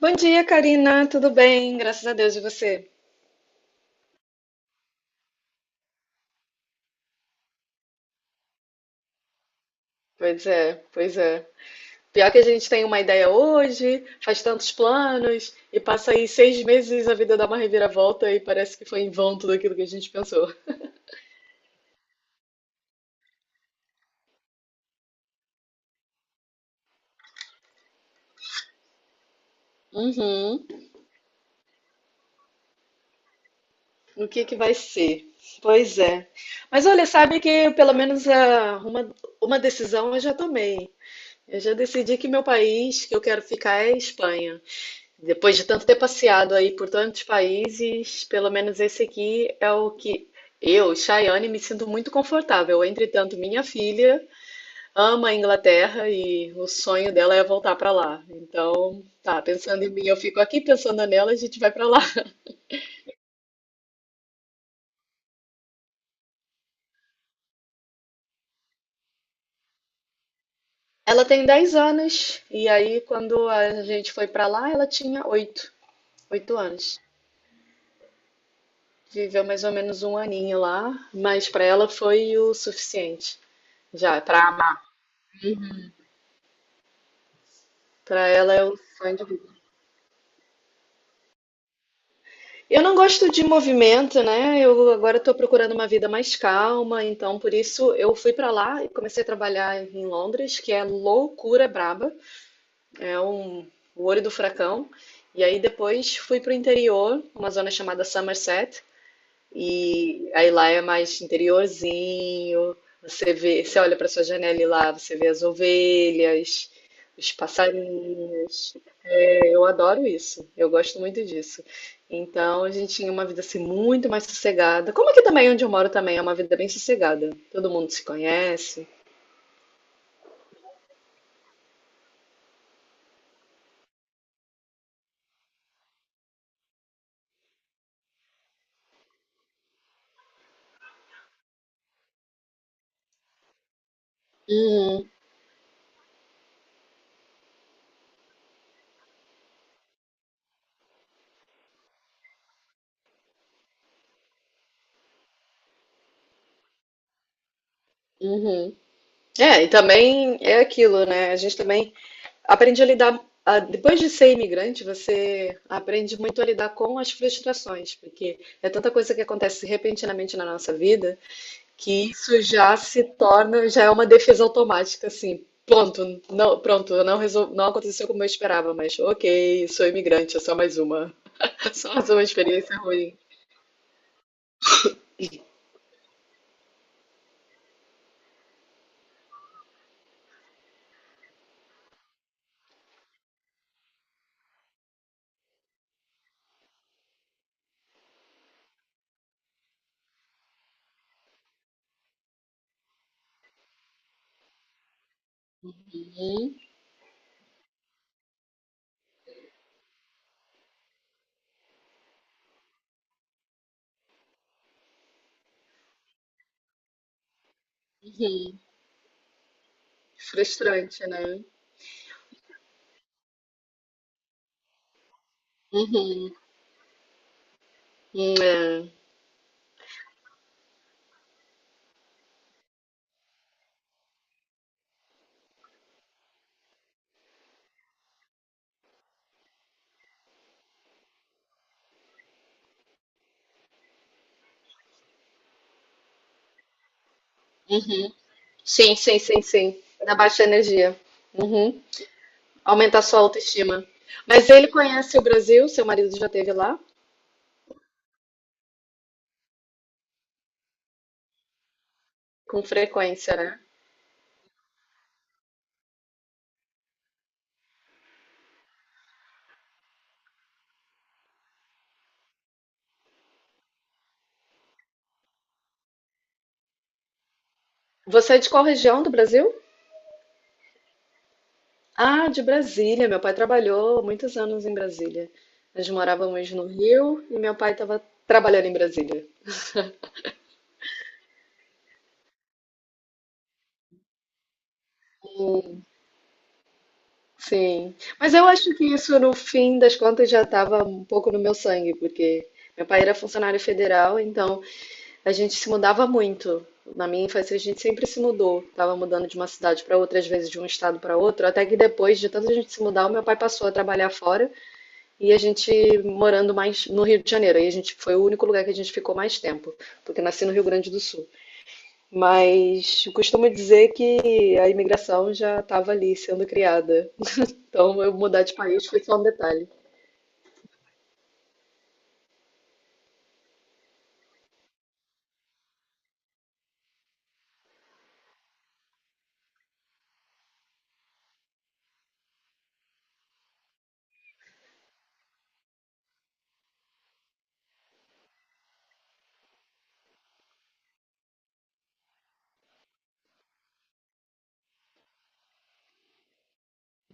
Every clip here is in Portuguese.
Bom dia, Karina. Tudo bem? Graças a Deus e você. Pois é, pois é. Pior que a gente tem uma ideia hoje, faz tantos planos, e passa aí 6 meses a vida dá uma reviravolta e parece que foi em vão tudo aquilo que a gente pensou. Uhum. O que que vai ser? Pois é. Mas olha, sabe que pelo menos uma decisão eu já tomei. Eu já decidi que meu país que eu quero ficar é a Espanha. Depois de tanto ter passeado aí por tantos países, pelo menos esse aqui é o que eu, Chayane, me sinto muito confortável. Entretanto, minha filha ama a Inglaterra e o sonho dela é voltar para lá. Então, tá, pensando em mim, eu fico aqui, pensando nela, a gente vai para lá. Ela tem 10 anos e aí quando a gente foi para lá, ela tinha oito anos. Viveu mais ou menos um aninho lá, mas para ela foi o suficiente. Já, para amar. Para ela é o sonho de... Eu não gosto de movimento, né? Eu agora estou procurando uma vida mais calma, então por isso eu fui para lá e comecei a trabalhar em Londres, que é loucura braba, é um, o olho do furacão. E aí depois fui para o interior, uma zona chamada Somerset, e aí lá é mais interiorzinho. Você vê, você olha para sua janela e lá você vê as ovelhas, os passarinhos. Eu adoro isso, eu gosto muito disso. Então a gente tinha uma vida assim muito mais sossegada. Como aqui também onde eu moro também é uma vida bem sossegada. Todo mundo se conhece. Uhum, uhum. É, e também é aquilo, né? A gente também aprende a lidar. Depois de ser imigrante, você aprende muito a lidar com as frustrações, porque é tanta coisa que acontece repentinamente na nossa vida que isso já se torna, já é uma defesa automática, assim. Pronto, não, não aconteceu como eu esperava, mas ok, sou imigrante, é só mais uma. Só mais uma experiência ruim. Uhum. Frustrante, né? Uhum. É. Uhum. Sim, sim, sim, sim. Da baixa energia. Uhum. Aumenta a sua autoestima. Mas ele conhece o Brasil, seu marido já esteve lá? Com frequência, né? Você é de qual região do Brasil? Ah, de Brasília. Meu pai trabalhou muitos anos em Brasília. Nós morávamos no Rio e meu pai estava trabalhando em Brasília. Sim. Mas eu acho que isso, no fim das contas, já estava um pouco no meu sangue, porque meu pai era funcionário federal, então a gente se mudava muito. Na minha infância, a gente sempre se mudou. Tava mudando de uma cidade para outra, às vezes de um estado para outro, até que depois de tanta gente se mudar, o meu pai passou a trabalhar fora. E a gente morando mais no Rio de Janeiro. Aí a gente foi o único lugar que a gente ficou mais tempo, porque nasci no Rio Grande do Sul. Mas eu costumo dizer que a imigração já estava ali sendo criada. Então eu mudar de país foi só um detalhe.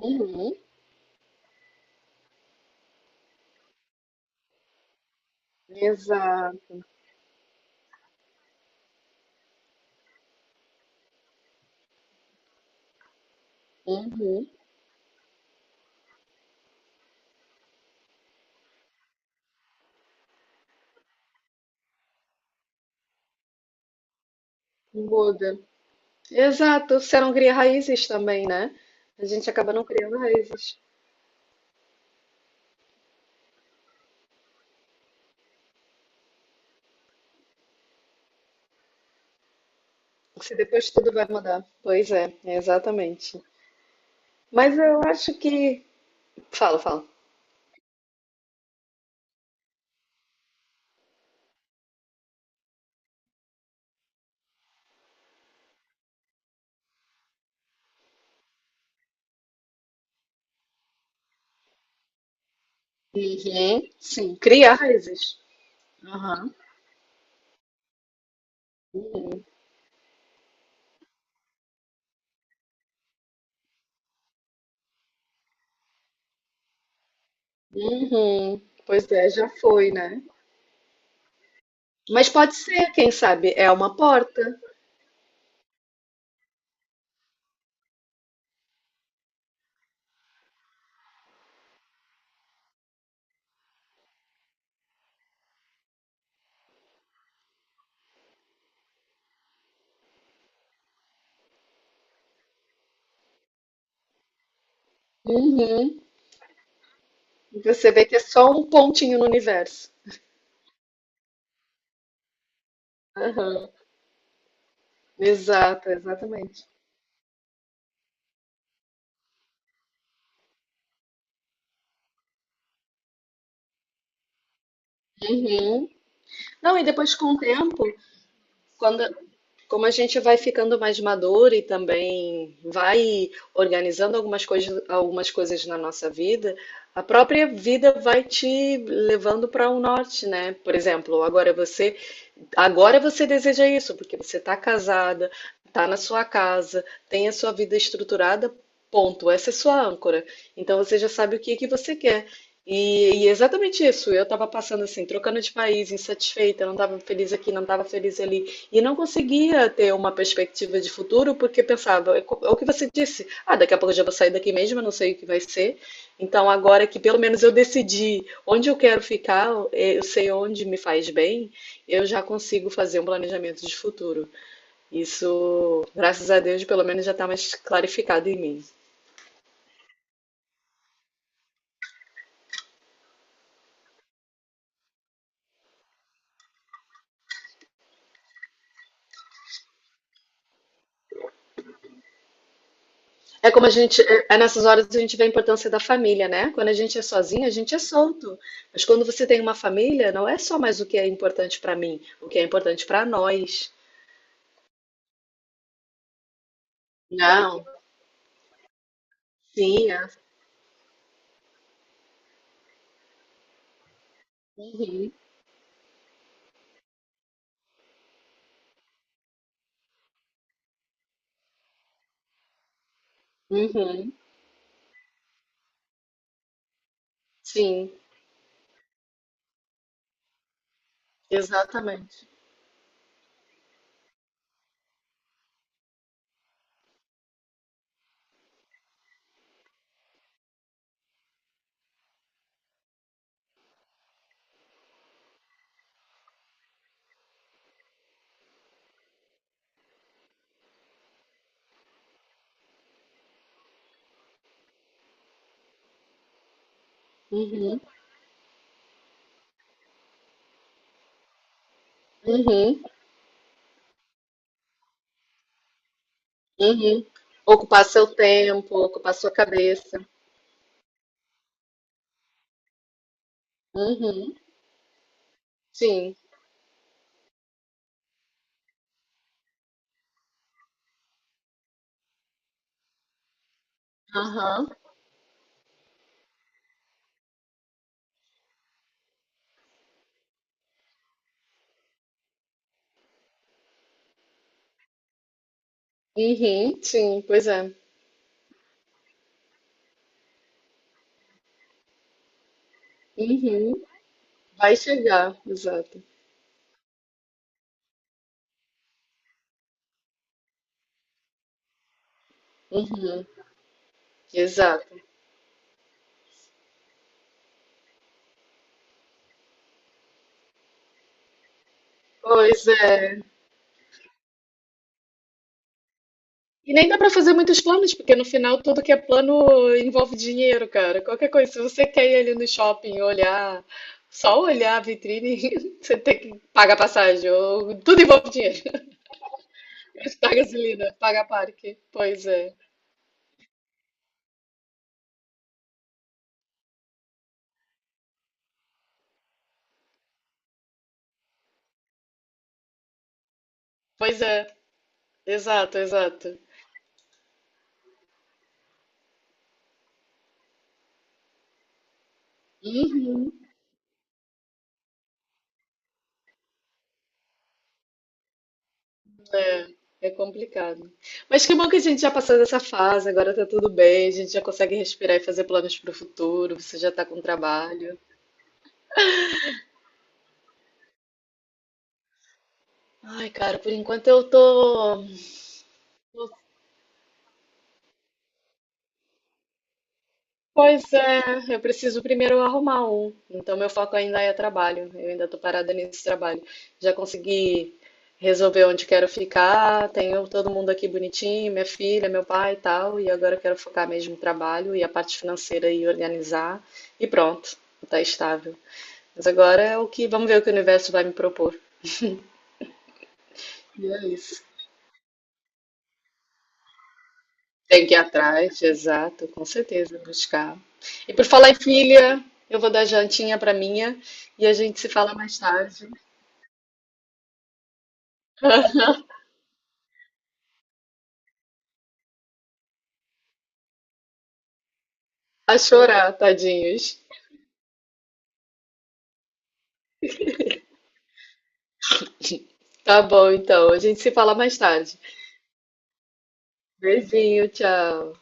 Uhum. Exato. Uhum. Muda. Exato. Você não cria raízes também, né? A gente acaba não criando raízes. Se depois tudo vai mudar. Pois é, exatamente. Mas eu acho que... Fala, fala. Uhum, sim. Cria raízes. Aham. Uhum. Pois é, já foi, né? Mas pode ser, quem sabe, é uma porta. Uhum. E você vê que é só um pontinho no universo. Aham. Exato, exatamente. Uhum. Não, e depois com o tempo, quando... Como a gente vai ficando mais maduro e também vai organizando algumas coisas na nossa vida, a própria vida vai te levando para um norte, né? Por exemplo, agora você... Agora você deseja isso, porque você está casada, está na sua casa, tem a sua vida estruturada, ponto. Essa é sua âncora. Então você já sabe o que que você quer. E é exatamente isso. Eu estava passando assim, trocando de país, insatisfeita, não estava feliz aqui, não estava feliz ali. E não conseguia ter uma perspectiva de futuro, porque pensava, é é o que você disse, ah, daqui a pouco eu já vou sair daqui mesmo, eu não sei o que vai ser. Então, agora que pelo menos eu decidi onde eu quero ficar, eu sei onde me faz bem, eu já consigo fazer um planejamento de futuro. Isso, graças a Deus, pelo menos já está mais clarificado em mim. É como a gente, é nessas horas a gente vê a importância da família, né? Quando a gente é sozinho, a gente é solto. Mas quando você tem uma família, não é só mais o que é importante para mim, o que é importante para nós. Não, sim, é. Uhum, uhum, sim, exatamente. Uhum, uhum, uhum. Ocupar seu tempo, ocupar sua cabeça. Uhum, sim, aham, Uhum, sim, pois é. Uhum, vai chegar, exato. Uhum, exato. Pois é. E nem dá pra fazer muitos planos, porque no final tudo que é plano envolve dinheiro, cara. Qualquer coisa, se você quer ir ali no shopping olhar, só olhar a vitrine, você tem que pagar passagem, ou tudo envolve dinheiro. Paga gasolina, paga parque. Pois é. Pois é, exato, exato. Uhum. É complicado. Mas que bom que a gente já passou dessa fase, agora tá tudo bem, a gente já consegue respirar e fazer planos pro futuro, você já tá com trabalho. Ai, cara, por enquanto eu tô. Pois é, eu preciso primeiro arrumar um. Então meu foco ainda é trabalho. Eu ainda tô parada nesse trabalho. Já consegui resolver onde quero ficar, tenho todo mundo aqui bonitinho, minha filha, meu pai e tal, e agora eu quero focar mesmo no trabalho e a parte financeira e organizar e pronto, tá estável. Mas agora é o que, vamos ver o que o universo vai me propor. E é isso. Tem que ir atrás, exato, com certeza, buscar. E por falar em filha, eu vou dar jantinha pra minha e a gente se fala mais tarde. A chorar, tadinhos. Tá bom, então. A gente se fala mais tarde. Beijinho, tchau.